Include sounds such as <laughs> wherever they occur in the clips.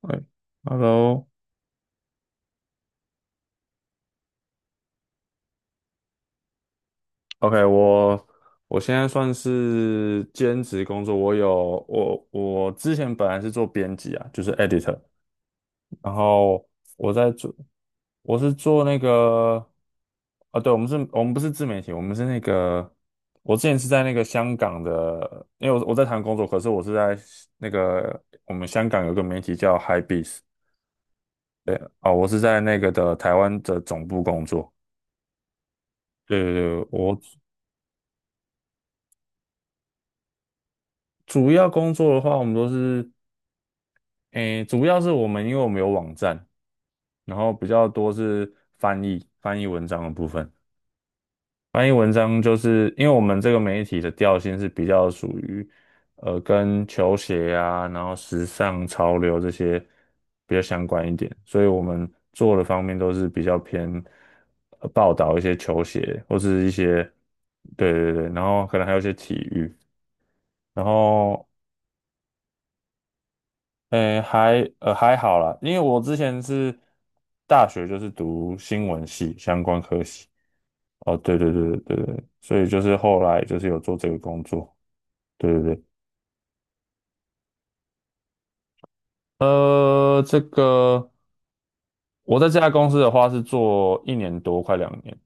哎，Hello，OK，我我现在算是兼职工作，我有我我之前本来是做编辑啊，就是 editor，然后我在做，我是做那个，啊，对，我们是，我们不是自媒体，我们是那个，我之前是在那个香港的，因为我在台湾工作，可是我是在那个，我们香港有个媒体叫 HIBEAST 啊，我是在那个的台湾的总部工作。对对对，我。主要工作的话，我们都是，诶，主要是我们，因为我们有网站，然后比较多是翻译，翻译文章的部分。翻译文章就是因为我们这个媒体的调性是比较属于，跟球鞋啊，然后时尚潮流这些比较相关一点，所以我们做的方面都是比较偏，报道一些球鞋或是一些，对对对，然后可能还有一些体育。然后诶，还好啦，因为我之前是大学就是读新闻系相关科系，哦，对对对对对对，所以就是后来就是有做这个工作，对对对，这个我在这家公司的话是做1年多，快2年，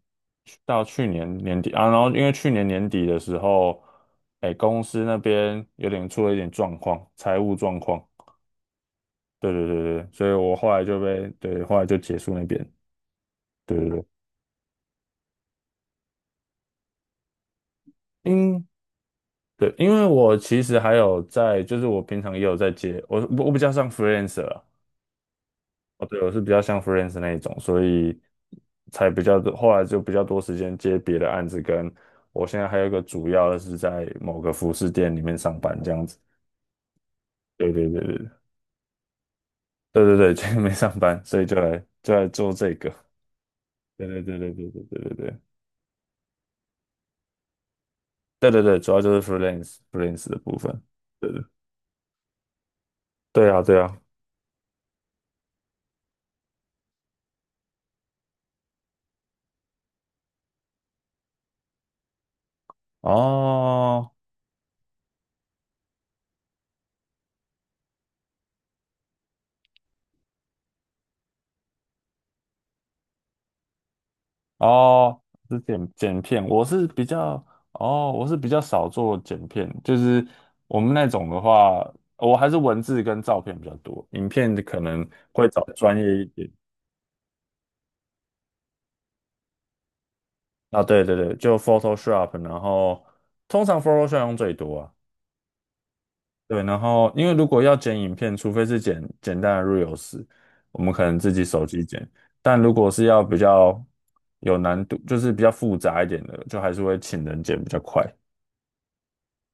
到去年年底啊，然后因为去年年底的时候，诶，公司那边有点出了一点状况，财务状况，对对对对，所以我后来就，后来就结束那边，对对对。因对，因为我其实还有在，就是我平常也有在接，我比较像 freelancer 啊，哦，对，我是比较像 freelancer 那一种，所以才比较多，后来就比较多时间接别的案子，跟我现在还有一个主要的是在某个服饰店里面上班这样子。对对对对对对对，<laughs> 今天没上班，所以就来做这个。对对对对对对对对对对对对，主要就是 freelance 的部分。对对对啊对啊，哦。哦，是剪剪片，我是比较，哦，我是比较少做剪片，就是我们那种的话，我还是文字跟照片比较多，影片的可能会找专业一点。啊，对对对，就 Photoshop，然后通常 Photoshop 用最多啊。对，然后因为如果要剪影片，除非是剪简单的 Reels，我们可能自己手机剪，但如果是要比较有难度，就是比较复杂一点的，就还是会请人剪比较快。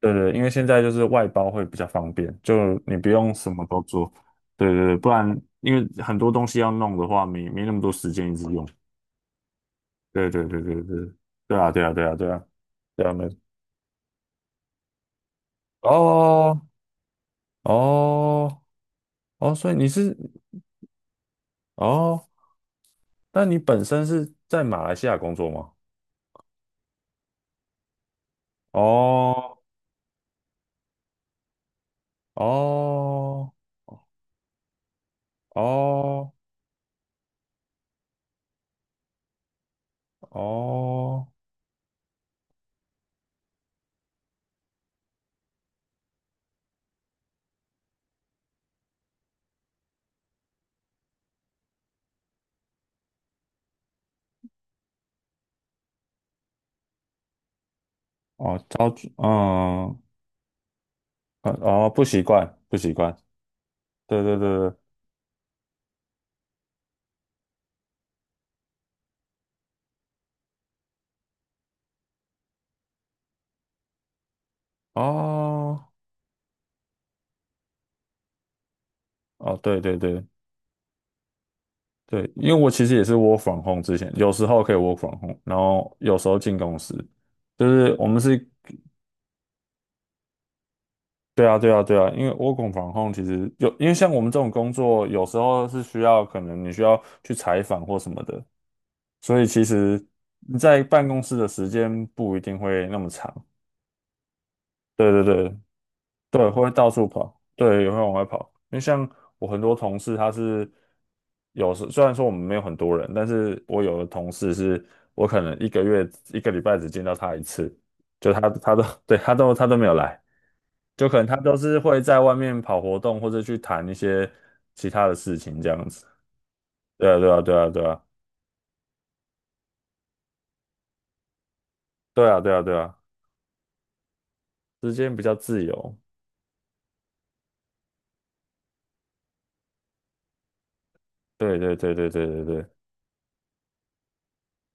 对对，因为现在就是外包会比较方便，就你不用什么都做。对对对，不然因为很多东西要弄的话，没那么多时间一直用。对对对对对，对啊对啊对啊对啊对啊，没哦哦哦，所以你是哦，那你本身是在马来西亚工作吗？哦哦哦哦哦，超级嗯嗯哦，不习惯不习惯，对对对对，哦。哦，对对对对，因为我其实也是 work f r 之前，有时候可以 work f r 然后有时候进公司，就是我们是，对啊对啊对啊，因为 work f r 其实有，因为像我们这种工作，有时候是需要可能你需要去采访或什么的，所以其实你在办公室的时间不一定会那么长。对对对，对，会到处跑，对，也会往外跑。因为像我很多同事，他是有时虽然说我们没有很多人，但是我有的同事是我可能一个月一个礼拜只见到他一次，就他都 <laughs> 对他都他都没有来，就可能他都是会在外面跑活动或者去谈一些其他的事情这样子。对啊，对啊，对啊，对啊，对啊，对啊，对啊，时间比较自由。对对对对对对对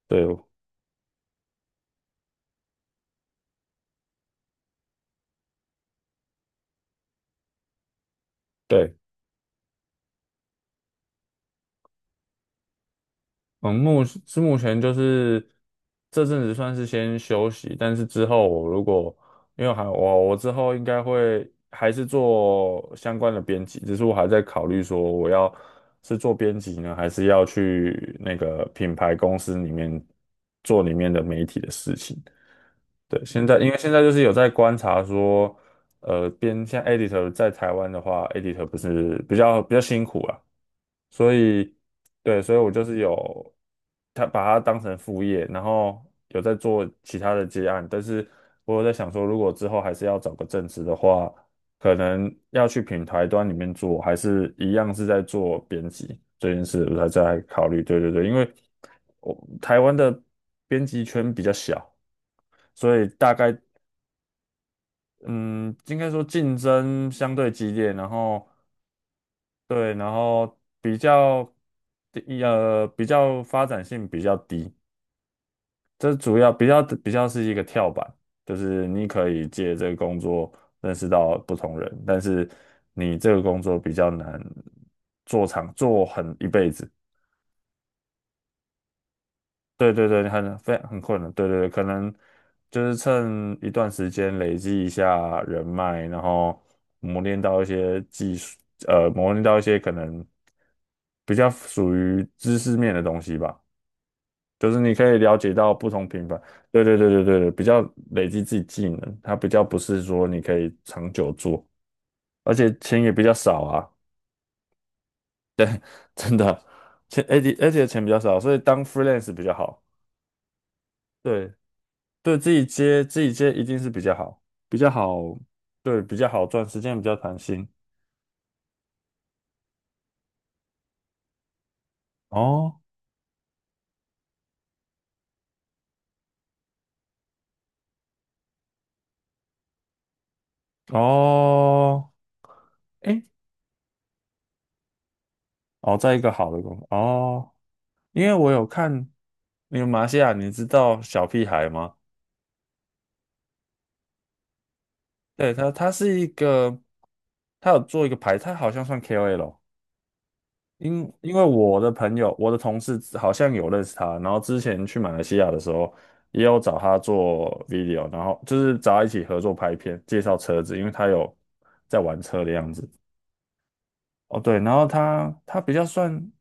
对对。嗯，目前就是这阵子算是先休息，但是之后我如果因为还，我之后应该会还是做相关的编辑，只是我还在考虑说我要是做编辑呢，还是要去那个品牌公司里面做里面的媒体的事情。对，现在因为现在就是有在观察说，像 editor 在台湾的话，editor 不是比较辛苦啊，所以对，所以我就是有他把它当成副业，然后有在做其他的接案，但是我有在想说，如果之后还是要找个正职的话，可能要去品牌端里面做，还是一样是在做编辑这件事，我才在考虑。对对对，因为我台湾的编辑圈比较小。所以大概嗯，应该说竞争相对激烈，然后对，然后比较发展性比较低，这主要比较是一个跳板，就是你可以借这个工作认识到不同人，但是你这个工作比较难做长做很一辈子。对对对，很非很困难，对对对，可能就是趁一段时间累积一下人脉，然后磨练到一些技术，磨练到一些可能比较属于知识面的东西吧，就是你可以了解到不同品牌，对对对对对对，比较累积自己技能，它比较不是说你可以长久做，而且钱也比较少啊，真的，钱而且而且钱比较少，所以当 freelance 比较好，对，自己接一定是比较好，比较好，对，比较好赚，时间比较弹性。哦哦，诶，哦，在一个好的公司哦，因为我有看，那个马来西亚，你知道小屁孩吗？对他，他是一个，他有做一个牌，他好像算 KOL，因为我的朋友，我的同事好像有认识他，然后之前去马来西亚的时候，也有找他做 video，然后就是找他一起合作拍片，介绍车子，因为他有在玩车的样子。哦，对，然后他他比较算，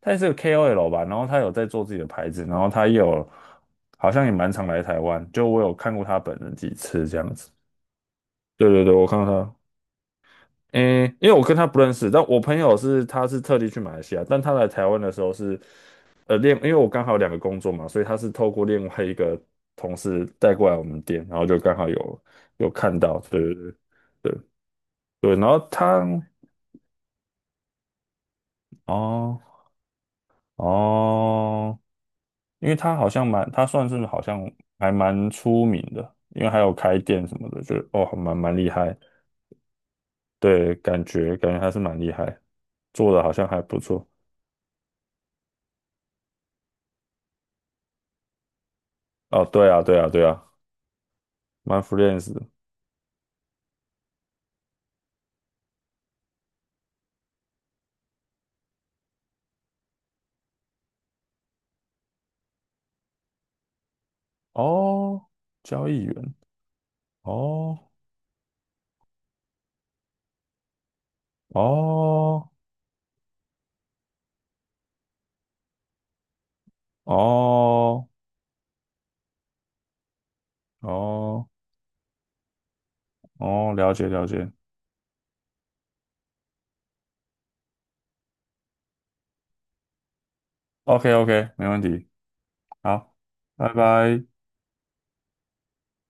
他也是个 KOL 吧，然后他有在做自己的牌子，然后他也有好像也蛮常来台湾，就我有看过他本人几次这样子。对对对，我看到他。诶，因为我跟他不认识，但我朋友是他是特地去马来西亚，但他来台湾的时候是，因为我刚好有2个工作嘛，所以他是透过另外一个同事带过来我们店，然后就刚好有有看到，对对对对对，然后他哦哦，因为他好像蛮，他算是好像还蛮出名的，因为还有开店什么的，就哦蛮厉害，对，感觉还是蛮厉害，做的好像还不错。哦，对啊，对啊，对啊，my friends 哦，交易员哦哦哦哦哦，了解了解，OK OK，没问题，好，拜拜。